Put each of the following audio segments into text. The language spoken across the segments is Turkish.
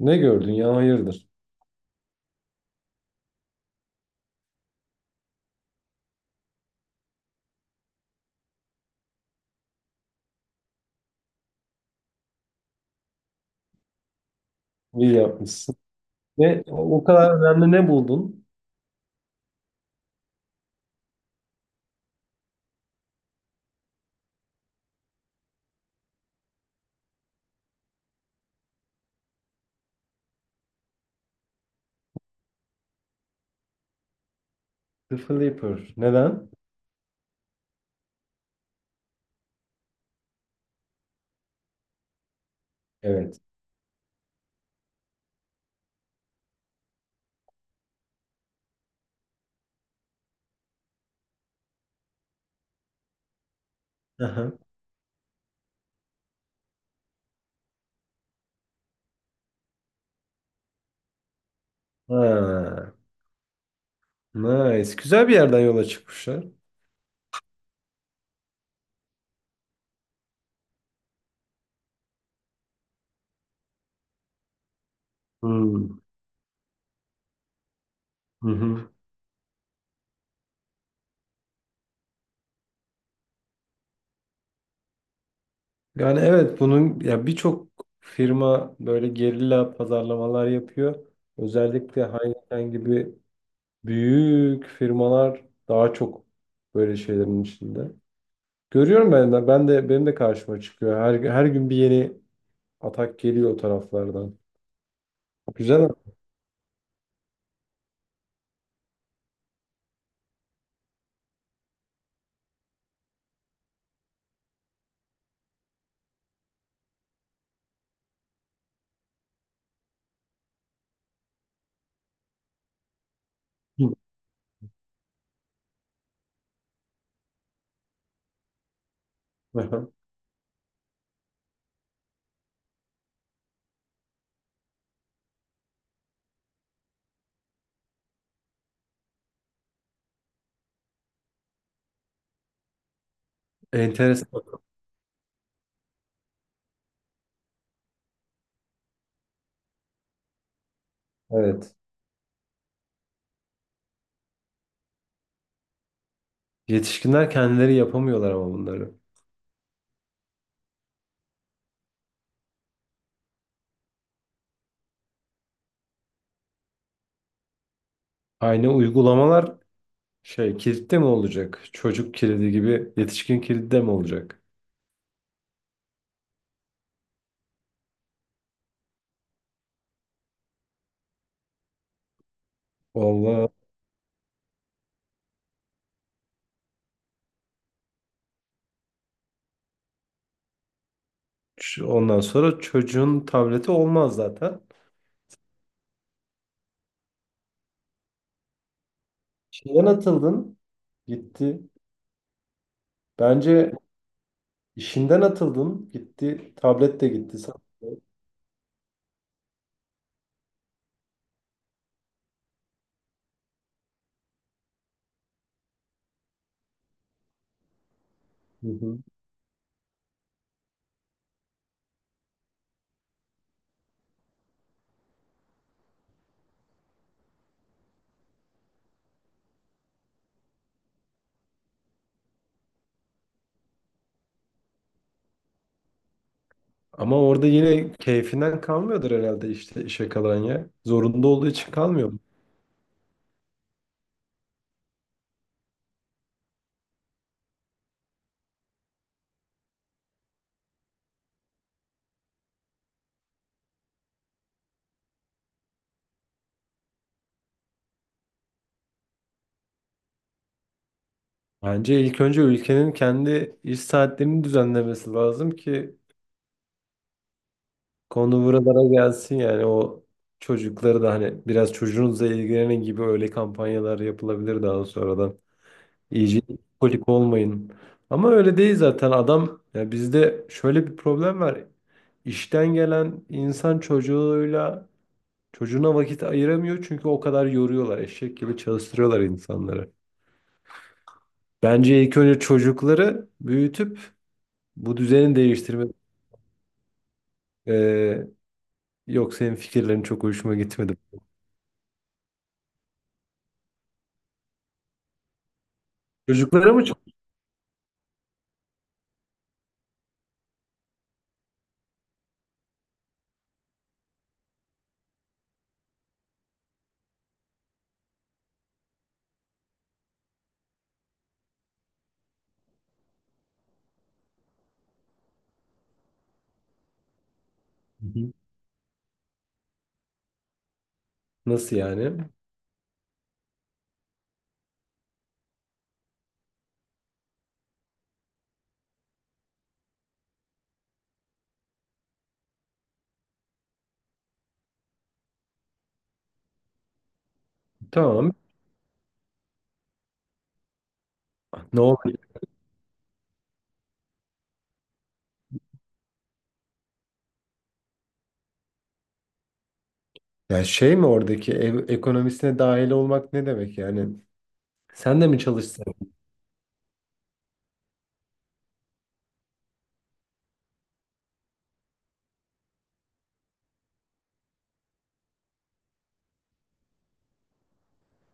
Ne gördün ya, hayırdır? İyi yapmışsın. Ne, o kadar önemli ne buldun? The Flipper. Neden? Evet. Aha. Ha. Nice. Güzel bir yerden yola çıkmışlar. Hmm. Hı hı. Yani evet, bunun ya birçok firma böyle gerilla pazarlamalar yapıyor. Özellikle Heineken gibi büyük firmalar daha çok böyle şeylerin içinde. Görüyorum, ben de benim de karşıma çıkıyor. Her gün bir yeni atak geliyor o taraflardan. Güzel. Hı. Aha. Enteresan. Evet. Yetişkinler kendileri yapamıyorlar ama bunları. Aynı uygulamalar şey kilitte mi olacak? Çocuk kilidi gibi yetişkin kilidi de mi olacak? Allah. Ondan sonra çocuğun tableti olmaz zaten. İşinden atıldın, gitti. Bence işinden atıldın, gitti. Tablet de gitti. Hı hı. Ama orada yine keyfinden kalmıyordur herhalde işte, işe kalan ya. Zorunda olduğu için kalmıyor. Bence ilk önce ülkenin kendi iş saatlerini düzenlemesi lazım ki konu buralara gelsin yani, o çocukları da hani biraz çocuğunuzla ilgilenin gibi öyle kampanyalar yapılabilir daha sonradan. İyice kolik olmayın. Ama öyle değil zaten adam ya, bizde şöyle bir problem var. İşten gelen insan çocuğuyla, çocuğuna vakit ayıramıyor çünkü o kadar yoruyorlar. Eşek gibi çalıştırıyorlar insanları. Bence ilk önce çocukları büyütüp bu düzeni değiştirme. Ee, Yok, senin fikirlerin çok hoşuma gitmedi. Çocuklara mı çok? Hı hı. Nasıl yani? Tamam. Ne oldu? Yani şey mi, oradaki ev ekonomisine dahil olmak ne demek yani? Sen de mi çalışsın?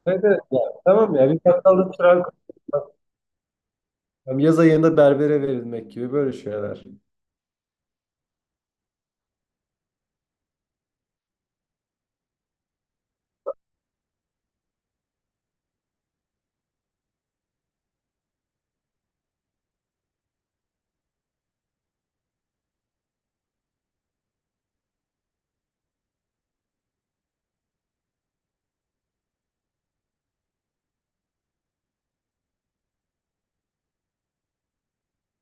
Evet, evet ya. Tamam ya, bir bakkalda çırak olmak, yaz ayında berbere verilmek gibi böyle şeyler.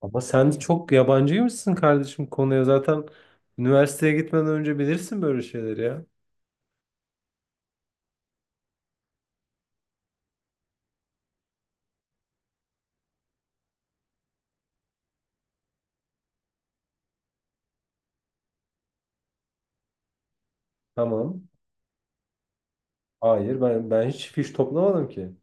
Ama sen çok yabancıymışsın kardeşim konuya. Zaten üniversiteye gitmeden önce bilirsin böyle şeyleri ya. Tamam. Hayır, ben hiç fiş toplamadım ki.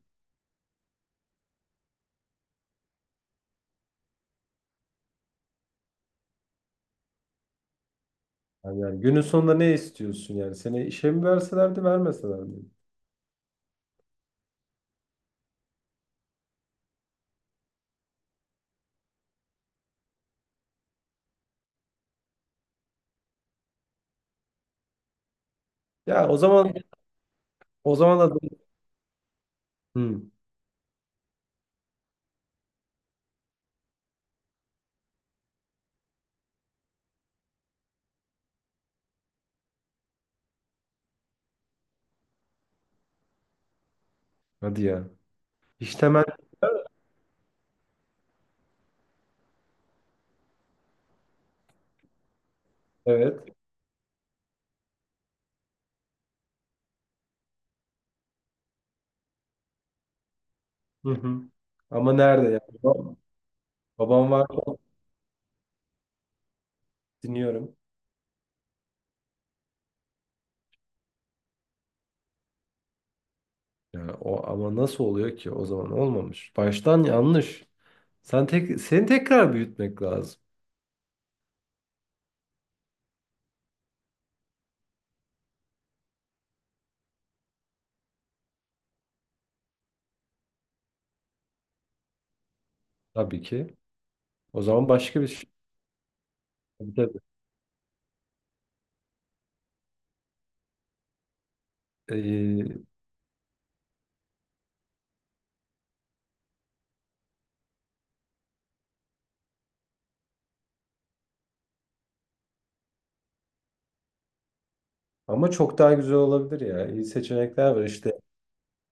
Yani günün sonunda ne istiyorsun yani? Seni işe mi verselerdi, vermeselerdi? Ya o zaman da. Hı, hadi ya. İş temel, evet. Hı hı. Ama nerede ya? Babam var, dinliyorum. Ya o, ama nasıl oluyor ki, o zaman olmamış. Baştan yanlış. Sen tek, seni tekrar büyütmek lazım tabii ki. O zaman başka bir şey. Tabii, tabii. Ee, Ama çok daha güzel olabilir ya. İyi seçenekler var işte.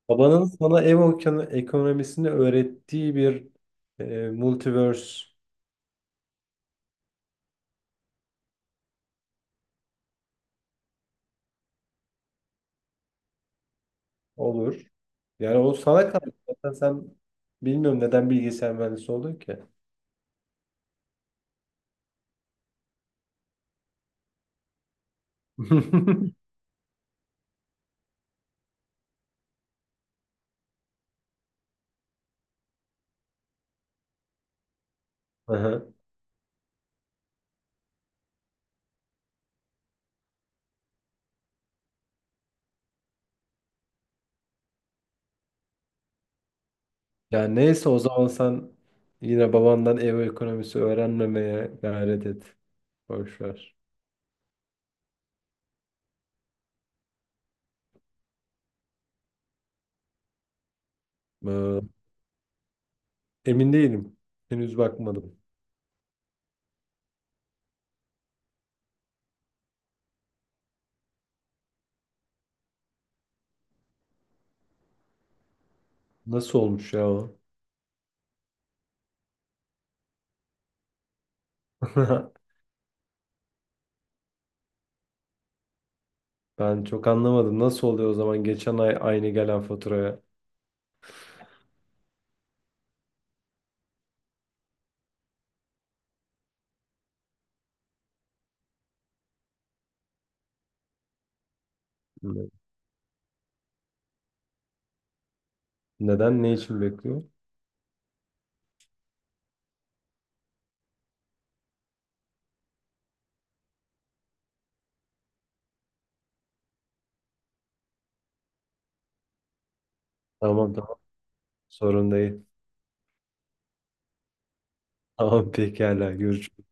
Babanın sana ev ekonomisini öğrettiği bir multiverse olur. Yani o sana kalmış. Zaten sen, bilmiyorum neden bilgisayar mühendisi oldun ki. Aha. Yani neyse, o zaman sen yine babandan ev ekonomisi öğrenmemeye gayret et. Boş ver. Ee, Emin değilim. Henüz bakmadım. Nasıl olmuş ya o? Ben çok anlamadım. Nasıl oluyor o zaman, geçen ay aynı gelen faturaya? Ne- Neden? Ne için bekliyor? Tamam, tamam, sorun değil. Tamam, pekala, görüşürüz.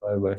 Bay bay.